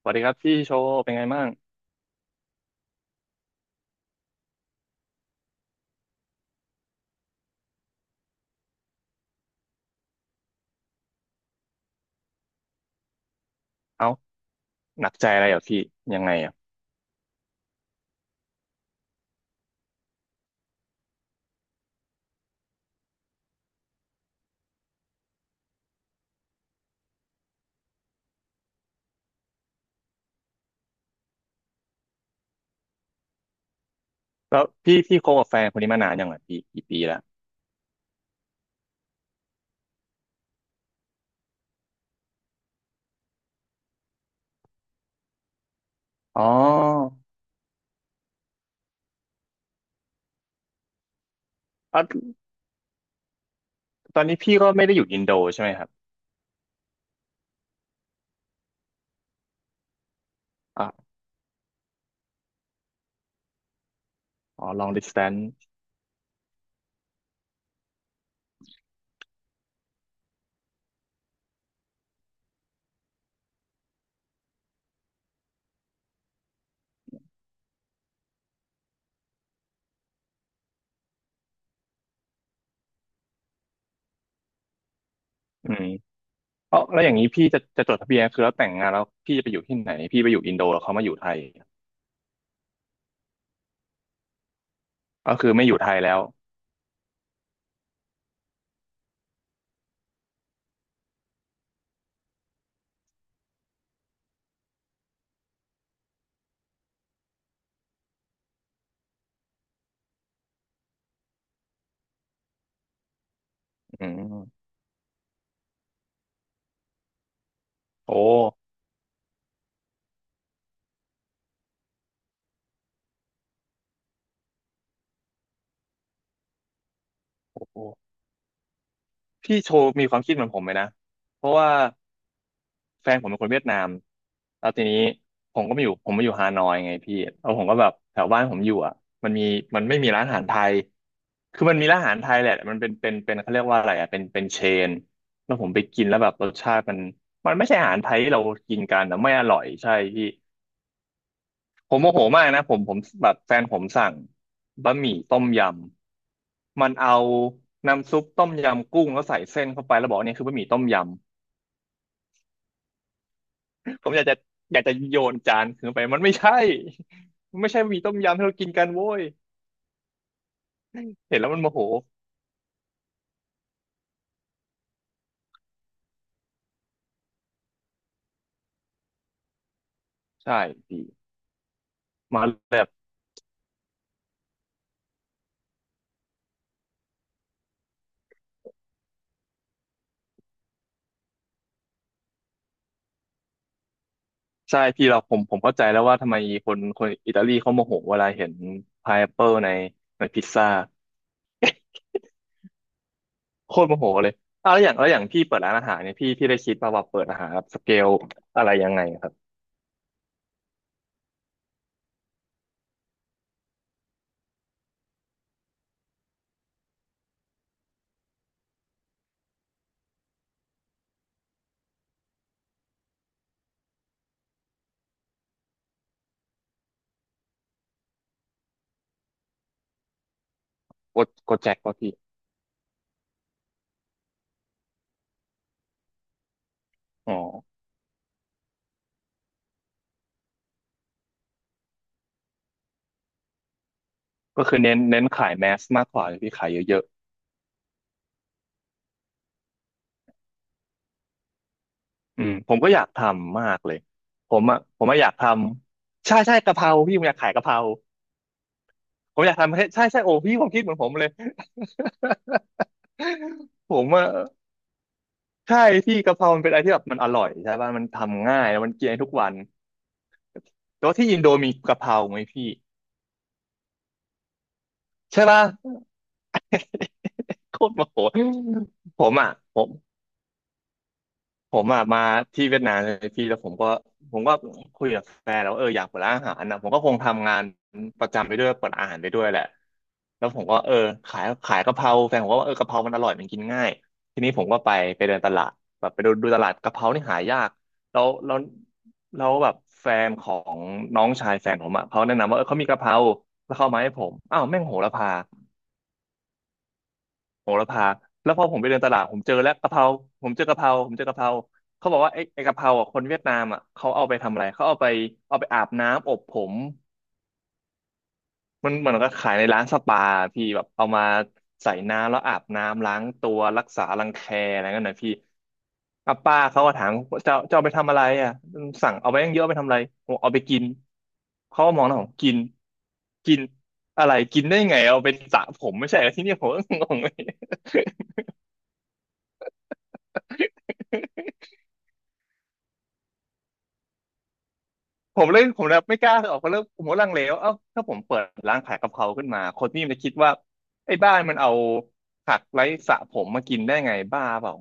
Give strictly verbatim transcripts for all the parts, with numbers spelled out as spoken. สวัสดีครับพี่โชว์เป็นไงบ้างเอ้าหนักใจอะไรเหรอพี่ยังไงอ่ะแล้วพี่พี่คบกับแฟนคนนี้มานานยังไงพี่กี่ปีแล้วอ๋ออ่ะตอนนี้พี่ก็ไม่ได้อยู่อินโดใช่ไหมครับอ่ะอ๋อ long distance อืมเอ้าแล้วอย่างนี้พี่จะจะจดทะเบียนคือแล้วแต่งงานแล้วพี่จะไปอยู่ที่ไหนพี่ไปอยู่อินโดแล้วเขามาอยู่ไทยก็คือไม่อยู่ไทยแล้วอืมโอ้โอ้พี่โชว์มีความคิดเหมือนผมไหมนะเพราะว่า แฟนผมเป็นคนเวียดนามแล้วทีนี้ผมก็มาอยู่ผมมาอยู่ฮานอยไงพี่แล้วผมก็แบบแถวบ้านผมอยู่อ่ะมันมีมันไม่มีร้านอาหารไทยคือมันมีร้านอาหารไทยแหละมันเป็นเป็นเป็นเขาเรียกว่าอะไรอ่ะเป็นเป็นเชนแล้วผมไปกินแล้วแบบรสชาติมันมันไม่ใช่อาหารไทยที่เรากินกันนะไม่อร่อยใช่พี่ผมโมโหมากนะผมผมแบบแฟนผมสั่งบะหมี่ต้มยำมันเอาน้ำซุปต้มยำกุ้งแล้วใส่เส้นเข้าไปแล้วบอกเนี่ยคือบะหมี่ต้มยำ ผมอยากจะอยากจะโยนจานคืนไปมันไม่ใช่ มันไม่ใช่หมี่ต้มยำที่เรากินกันโว้ยเห็นแล้วมันโมโหใช่พี่มาแบบใช่พี่เราผมผมเข้าใจแล้วว่าทำไมคนคนอิตาลีเขาโมโหเวลาเห็นพายแอปเปิลในในพิซซ่าโคตรโมโหเลยอ่ะแล้วอย่างแล้วอย่างพี่เปิดร้านอาหารเนี่ยพี่พี่ได้คิดป่ะวว่าเปิดอาหารแบบสเกลอะไรยังไงครับโกโกแจ็คป่ะพี่อ๋อก็คือเน้นเน้นขายแมสมากกว่าเลยพี่ขายเยอะ อืมผมก็อยากทำมากเลยผมอ่ะผมอ่ะอยากทำใช่ใช่กะเพราพี่ผมอยากขายกะเพราผมอยากทำให้ใช่ใช่โอ้พี่ผมคิดเหมือนผมเลย ผมอ่ะใช่พี่กะเพรามันเป็นอะไรที่แบบมันอร่อยใช่ป่ะมันทำง่ายแล้วมันกินได้ทุกวันแต่ว่าที่อินโดมีกะเพราไหมพี่ใช่ป่ะโคตรโมโหผมอ่ะผม ผมอะมาที่เวียดนามเลยพี่แล้วผมก็ผมก็คุยกับแฟนแล้ววาเอออยากเปิดร้านอาหารนะผมก็คงทำงานประจำไปด้วยเปิดอาหารไปด้วยแหละแล้วผมก็เออขายขายกะเพราแฟนผมก็ว่าเออกะเพรามันอร่อยมันกินง่ายทีนี้ผมก็ไปไปเดินตลาดแบบไปดูดูตลาดกะเพรานี่หายากแล้วแล้วแล้วแบบแฟนของน้องชายแฟนผมอะเขาแนะนำว่าเออเขามีกะเพราแล้วเขาเอามาให้ผมอ้าวแม่งโหระพา โหระพาแล้วพอผมไปเดินตลาดผมเจอแล้วกะเพราผมเจอกะเพราผมเจอกะเพราเขาบอกว่าไอ้ไอ้กะเพราอ่ะคนเวียดนามอ่ะเขาเอาไปทำอะไรเขาเอาไปเอาไปอาบน้ำอบผมมันเหมือนก็ขายในร้านสปาพี่แบบเอามาใส่น้ำแล้วอาบน้ำล้างตัวรักษารังแคอะไรเงี้ยนะพี่อ่ะป้าเขาก็ถามเจ้าเจ้าเอาไปทำอะไรอ่ะสั่งเอาไปตั้งเยอะเอาไปทำอะไรผมเอาไปกินเขาก็มองหน้าผมกินกินอะไรกินได้ไงเอาไปสระผมไม่ใช่เหรอที่นี่ผมก็งง ผมเลยผมเลยไม่กล้าออกเพราะเริ่มผมก็ลังเลว่าเอ้าถ้าผมเปิดร้านขายกะเพราขึ้นมาคนนี่มันจะคิดว่าไอ้บ้านมันเอาผักไร้สระผมมากินได้ไงบ้าเปล่า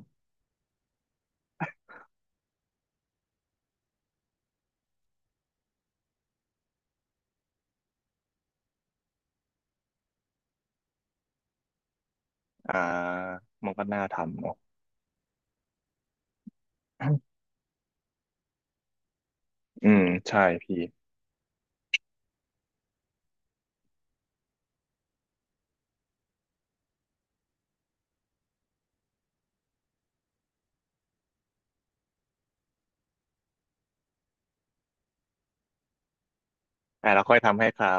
อ่ามันก็น่าทำเนาะ อืมใช่พี่อ่ะเราค่อยทำให้เขา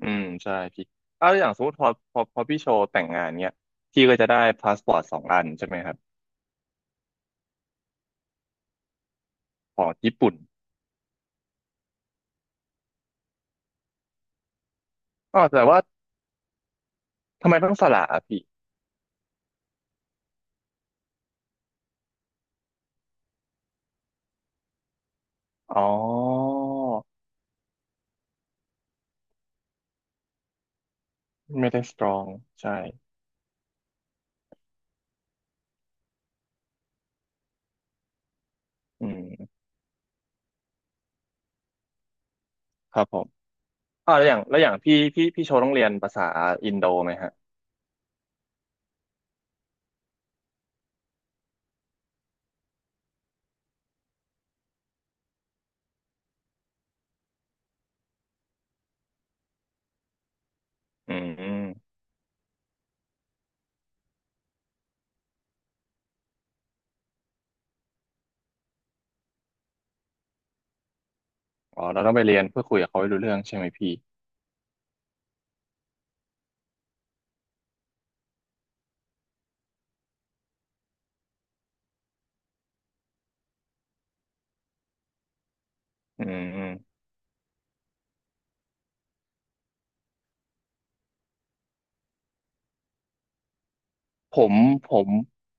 อืมใช่พี่เอาอย่างสมมติพอพอพอพี่โชว์แต่งงานเนี้ยพี่ก็จะได้พาสปอร์ตสองอันใช่ไหมครับของญี่ปุ่นอ๋อแต่ว่าทำไมต้องสละอ่ะพี่อ๋อไม่ได้สตรองใช่อืมครับผม อ่าแล้วอย่างแล้วอย่างพี่พี่พี่โชว์ต้องเรียนภาษาอินโดไหมฮะอืมอ๋อเราต้องไปเรียนเพื่อคุยกับเขาให้รู้เรื่องใช่ไหมพี่อืมผมผม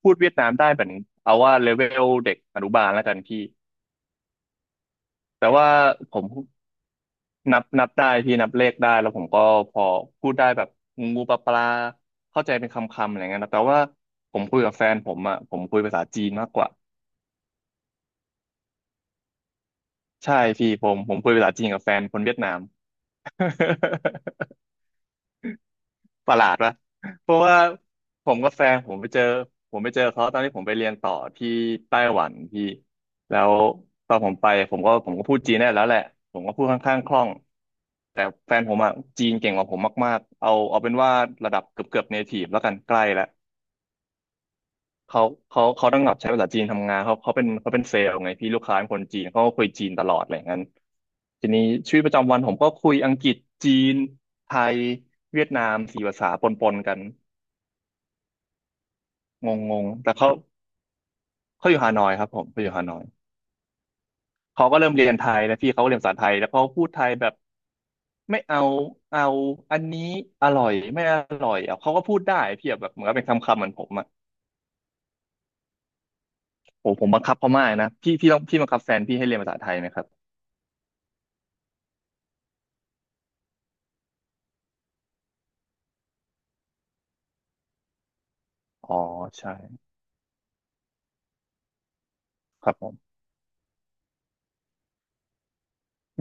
พูดเวียดนามได้เหมือนเอาว่าเลเวลเด็กอนุบาลแล้วกันพี่แต่ว่าผมนับนับได้พี่นับเลขได้แล้วผมก็พอพูดได้แบบงูปลาปลาเข้าใจเป็นคำๆอะไรเงี้ยนะแต่ว่าผมคุยกับแฟนผมอ่ะผมคุยภาษาจีนมากกว่าใช่พี่ผมผมคุยภาษาจีนกับแฟนคนเวียดนาม ประหลาดวะเพราะว่าผมกับแฟนผมไปเจอผมไปเจอเขาตอนที่ผมไปเรียนต่อที่ไต้หวันพี่แล้วตอนผมไปผมก็ผมก็พูดจีนได้แล้วแหละผมก็พูดค่อนข้างคล่องแต่แฟนผมอะจีนเก่งกว่าผมมากๆเอาเอาเป็นว่าระดับเกือบเกือบเนทีฟแล้วกันใกล้แล้วเขาเขาเขาต้องแบบใช้ภาษาจีนทำงานเขาเขาเป็นเขาเป็นเซลล์ไงพี่ลูกค้าเป็นคนจีนเขาก็คุยจีนตลอดอะไรอย่างนั้นทีนี้ชีวิตประจำวันผมก็คุยอังกฤษจีนไทยเวียดนามสี่ภาษาปนๆกัน งงงแต่เขาเขาอยู่ฮานอยครับผมเขาอยู่ฮานอยเขาก็เริ่มเรียนไทยแล้วพี่เขาก็เรียนภาษาไทยแล้วเขาพูดไทยแบบไม่เอาเอาอันนี้อร่อยไม่อร่อยอ่ะเขาก็พูดได้พี่อะแบบเหมือนกับเป็นคำๆเหมือนผมอ่ะโอ้ผมบังคับเขามากนะพี่พี่ต้องพี่บังคับแฟนพี่ให้เรียนภาษาไทยไหมครับอ๋อใช่ครับผม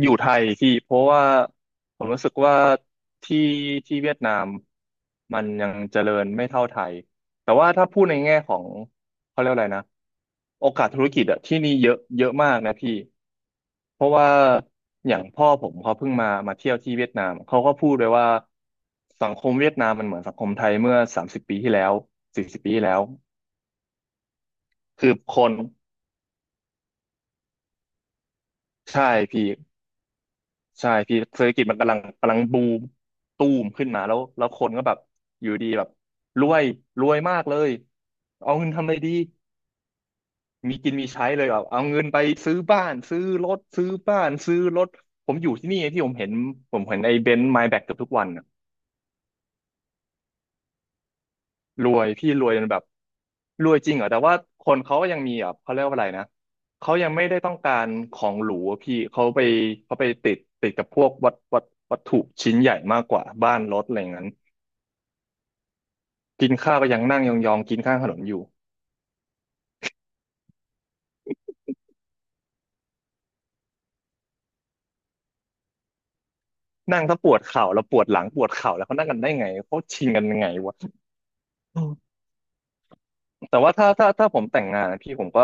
อยู่ไทยพี่เพราะว่าผมรู้สึกว่าที่ที่เวียดนามมันยังเจริญไม่เท่าไทยแต่ว่าถ้าพูดในแง่ของเขาเรียกอะไรนะโอกาสธุรกิจอะที่นี่เยอะเยอะมากนะพี่เพราะว่าอย่างพ่อผมเขาเพิ่งมามาเที่ยวที่เวียดนามเขาก็พูดเลยว่าสังคมเวียดนามมันเหมือนสังคมไทยเมื่อสามสิบปีที่แล้วสี่สิบปีที่แล้วคือคนใช่พี่ ใช่พี่เศรษฐกิจมันกำลังกำลังบูมตูมขึ้นมาแล้วแล้วคนก็แบบอยู่ดีแบบรวยรวยมากเลยเอาเงินทำอะไรดีมีกินมีใช้เลยแบบเอาเงินไปซื้อบ้านซื้อรถซื้อบ้านซื้อรถผมอยู่ที่นี่ไงพี่ผมเห็นผมเห็นไอ้เบนซ์ไมแบ็กเกือบทุกวันนะรวยพี่รวยจนแบบรวยจริงเหรอแต่ว่าคนเขาก็ยังมีอ่ะเขาเรียกว่าอะไรนะเขายังไม่ได้ต้องการของหรูอะพี่เขาไปเขาไปติดติดกับพวกวัตวัตวัตถุชิ้นใหญ่มากกว่าบ้านรถอะไรอย่างนั้น กินข้าวก็ยังนั่งยองๆกินข้างถนนอยู่นั่งถ้าปวดเข่าแล้วปวดหลังปวดเข่าแล้วเขานั่งกันได้ไงเขาชิงกันยังไงวะอืมแต่ว่าถ้าถ้าถ้าผมแต่งงานอะพี่ผมก็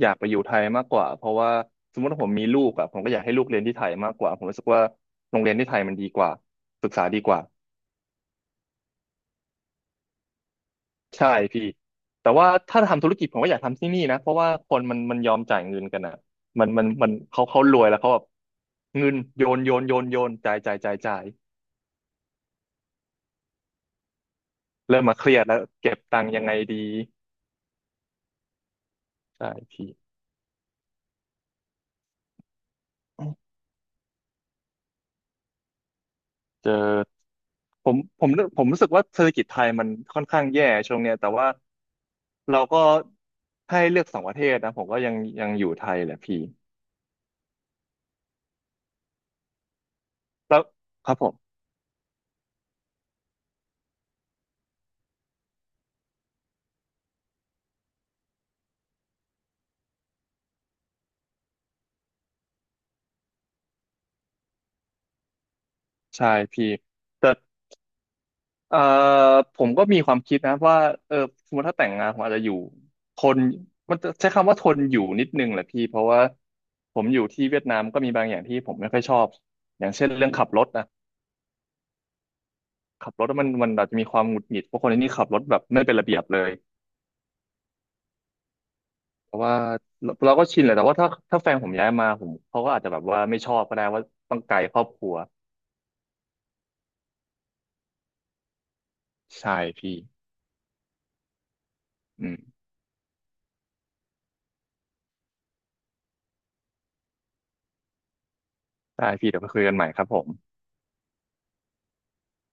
อยากไปอยู่ไทยมากกว่าเพราะว่าสมมติว่าผมมีลูกอะผมก็อยากให้ลูกเรียนที่ไทยมากกว่าผมรู้สึกว่าโรงเรียนที่ไทยมันดีกว่าศึกษาดีกว่าใช่พี่แต่ว่าถ้าทำธุรกิจผมก็อยากทำที่นี่นะเพราะว่าคนมันมันยอมจ่ายเงินกันอะมันมันมันเขาเขารวยแล้วเขาแบบเงินโยนโยนโยนโยนจ่ายจ่ายจ่ายจ่าย เริ่มมาเครียดแล้วเก็บตังค์ยังไงดีใช่พี่เจอผมผมผมรู้สึกว่าเศรษฐกิจไทยมันค่อนข้างแย่ช่วงเนี้ยแต่ว่าเราก็ให้เลือกสองประเทศนะผมก็ยังยังอยู่ไทยแหละพี่แล้วครับผมใช่พี่แต่เอ่อผมก็มีความคิดนะว่าเออสมมติถ้าแต่งงานผมอาจจะอยู่ทนมันจะใช้คำว่าทนอยู่นิดนึงแหละพี่เพราะว่าผมอยู่ที่เวียดนามก็มีบางอย่างที่ผมไม่ค่อยชอบอย่างเช่นเรื่องขับรถนะ ขับรถมันมันอาจจะมีความหงุดหงิดเพราะคนที่นี่ขับรถแบบไม่เป็นระเบียบเลยเพราะว่าเราเราก็ชินแหละแต่ว่าถ้าถ้าแฟนผมย้ายมาผมเขาก็อาจจะแบบว่าไม่ชอบก็ได้ว่าต้องไกลครอบครัวใช่พี่อืมได้พี่เดี๋ยวไปคุยกันใหม่ครับผม